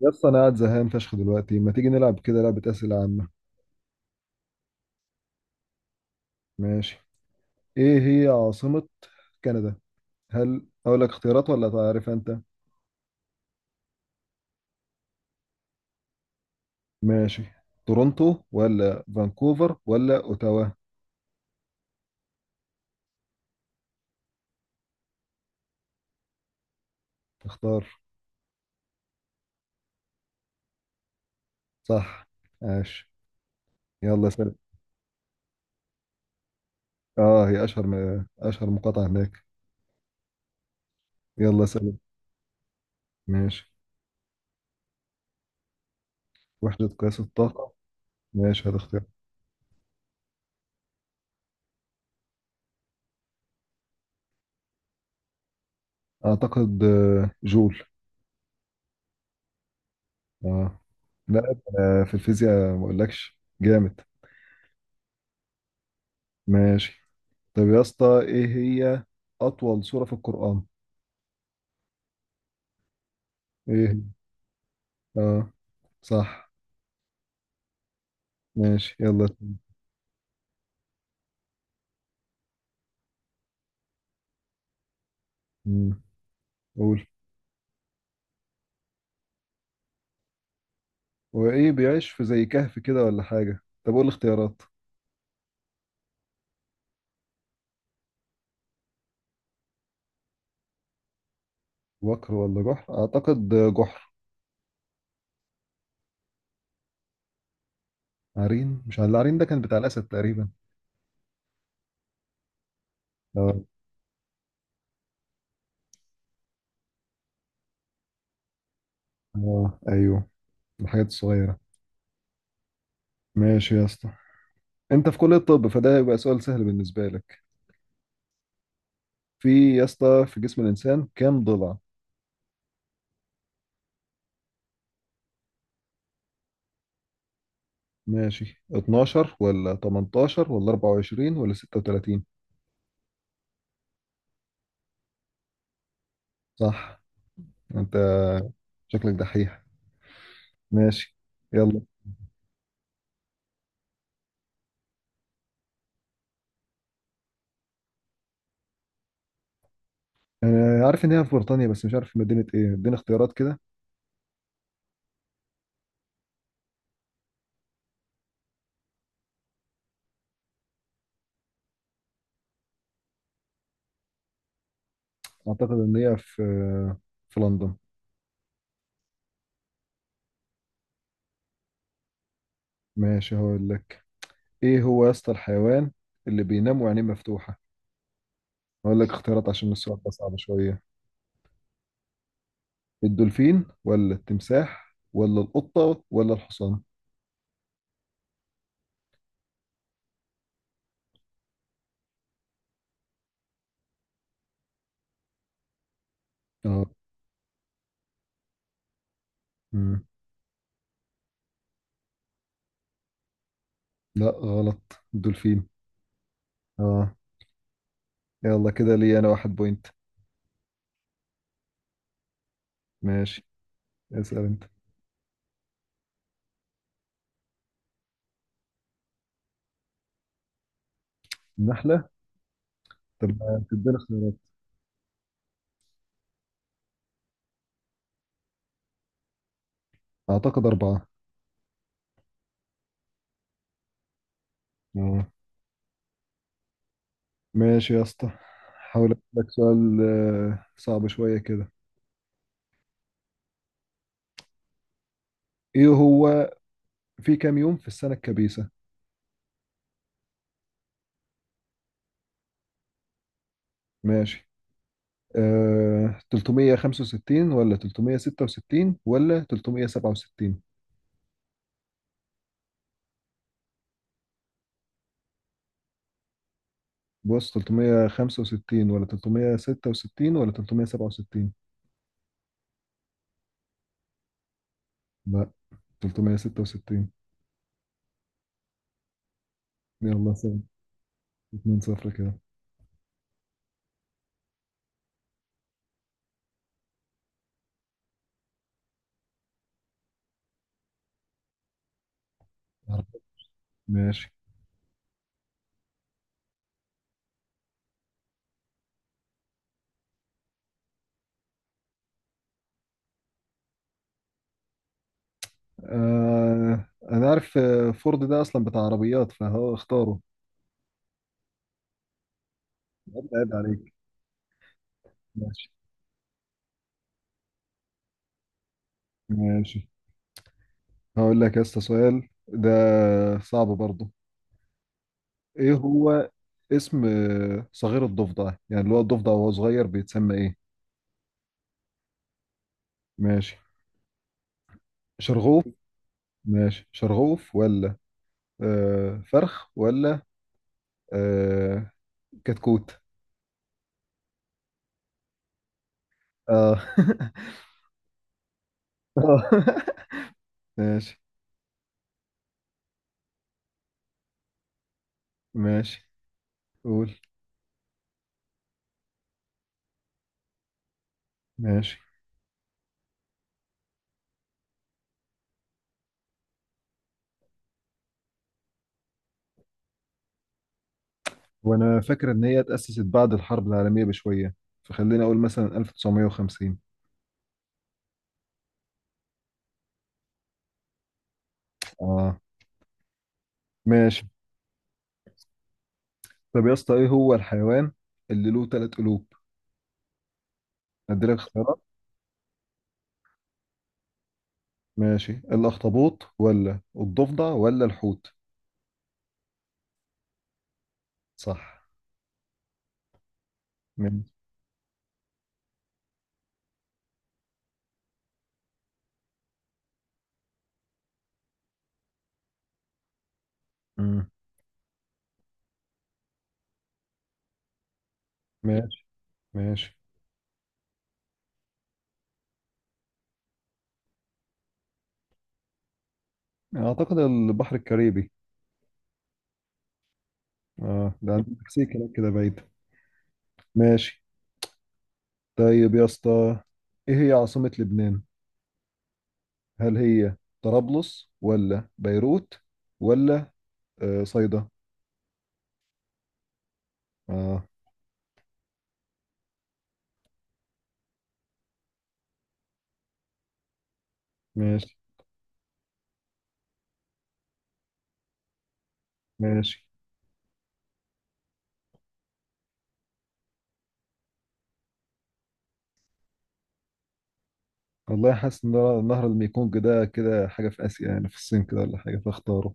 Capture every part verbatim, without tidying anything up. يا اسطى انا قاعد زهقان فشخ دلوقتي، ما تيجي نلعب كده لعبة أسئلة عامة؟ ماشي. ايه هي عاصمة كندا؟ هل اقول لك اختيارات ولا تعرف انت؟ ماشي. تورونتو ولا فانكوفر ولا اوتاوا؟ اختار. صح. ماشي، يلا سلام. اه، هي اشهر م... اشهر مقاطعة هناك. يلا سلام. ماشي. وحدة قياس الطاقة؟ ماشي، هتختار. اعتقد آه، جول. اه. لا، آه، في الفيزياء ما اقولكش جامد. ماشي. طب يا اسطى، ايه هي اطول سورة في القرآن؟ ايه؟ اه، صح. ماشي يلا. مم. قول. وايه، بيعيش في زي كهف كده ولا حاجة؟ طب قول الاختيارات. وكر ولا جحر، اعتقد جحر. عرين؟ مش عارف، العرين ده كان بتاع الاسد تقريبا. اه. اه ايوه، الحاجات الصغيرة. ماشي يا اسطى، انت في كلية الطب فده يبقى سؤال سهل بالنسبة لك. في يا اسطى، في جسم الانسان كام ضلع؟ ماشي، اتناشر ولا تمنتاشر ولا اربعة وعشرين ولا ستة وتلاتين؟ صح. انت شكلك دحيح. ماشي يلا. انا عارف ان هي في بريطانيا بس مش عارف في مدينة ايه، اديني اختيارات كده. اعتقد ان هي في في لندن. ماشي، هقول لك. ايه هو يا اسطى الحيوان اللي بينام وعينيه مفتوحة؟ هقول لك اختيارات عشان السؤال ده صعب شوية. الدولفين ولا التمساح ولا القطة ولا الحصان؟ اه. مم. لا، غلط، الدولفين. اه، يلا كده لي انا واحد بوينت. ماشي، اسأل انت. النحلة؟ طب تديني اختيارات؟ اعتقد اربعة. آه. ماشي يا اسطى، حاول اسالك سؤال آه، صعب شويه كده. ايه هو، في كام يوم في السنه الكبيسه؟ ماشي، آه، تلتمية وخمسة وستين ولا تلتمية وستة وستين ولا تلتمية وسبعة وستين؟ بص، تلتمية وخمسة وستين ولا تلتمية وستة وستين ولا تلتمية وسبعة وستين؟ لا، ثلاثمئة وستة وستين. يلا سلام. اتنين صفر كده. ماشي. آه انا عارف، آه، فورد ده اصلا بتاع عربيات فهو اختاره. عيب عليك. ماشي. ماشي، هقول لك يا اسطى، سؤال ده صعب برضه. ايه هو اسم آه، صغير الضفدع؟ يعني اللي هو الضفدع وهو صغير بيتسمى ايه؟ ماشي، شرغوف. ماشي، شرغوف ولا آه فرخ ولا آه كتكوت؟ اه آه. ماشي. ماشي، قول. ماشي، وانا فاكر ان هي اتأسست بعد الحرب العالمية بشوية، فخليني اقول مثلا ألف وتسعمية وخمسين. اه، ماشي. طب يا اسطى، ايه هو الحيوان اللي له ثلاث قلوب؟ ادي لك. ماشي، الأخطبوط ولا الضفدع ولا الحوت؟ صح. من؟ مم. ماشي. ماشي، أعتقد البحر الكاريبي. اه، ده عند المكسيك هناك كده بعيد. ماشي. طيب يا اسطى، ايه هي عاصمة لبنان؟ هل هي طرابلس ولا بيروت ولا آه صيدا؟ اه. ماشي. ماشي، والله حاسس ان نهر نهر الميكونج ده كده حاجة في آسيا، يعني في الصين كده ولا حاجة، فاختاره.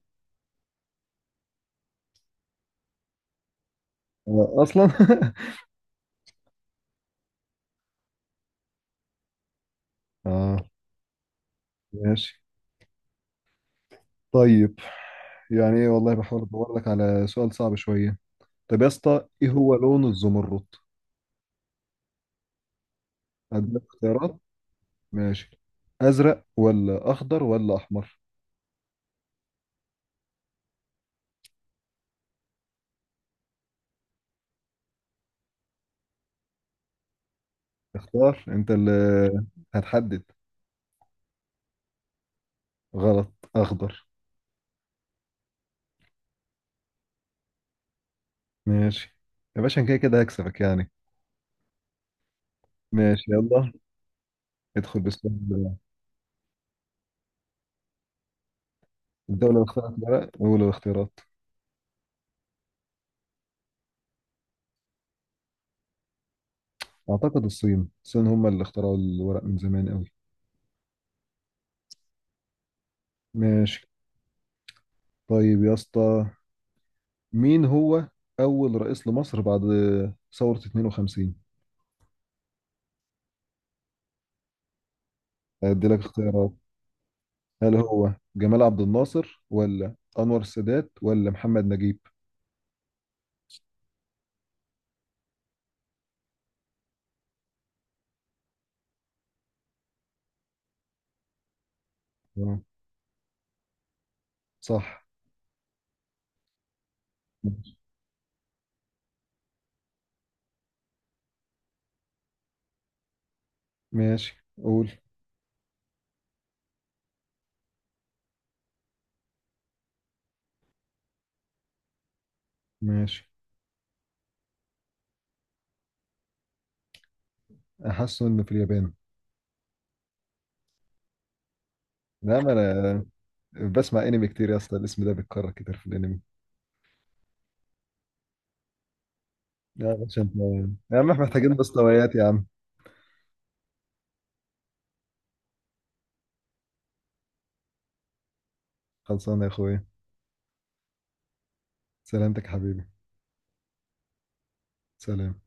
آه أصلا اه، ماشي. طيب، يعني ايه، والله بحاول ادور لك على سؤال صعب شويه. طب يا اسطى، ايه هو لون الزمرد؟ عندك اختيارات. ماشي، ازرق ولا اخضر ولا احمر؟ اختار انت اللي هتحدد. غلط، اخضر. ماشي. يا باشا أنا كده كده هكسبك يعني. ماشي يلا. ادخل بسم. الدولة اللي اخترعت الورق، أول الاختيارات. أعتقد الصين، الصين هم اللي اخترعوا الورق من زمان قوي. ماشي. طيب يا اسطى، مين هو أول رئيس لمصر بعد ثورة اتنين وخمسين؟ أدي لك اختيارات. هل هو جمال عبد الناصر ولا أنور السادات ولا محمد نجيب؟ تمام. صح. ماشي، قول. ماشي، أحس إنه في اليابان. لا، ما أنا بسمع أنمي كتير يا اسطى، الاسم ده بيتكرر كتير في الأنمي. لا يا باشا، أنت. يا عم إحنا محتاجين مستويات يا عم. خلصانة يا أخويا. سلامتك يا حبيبي. سلام.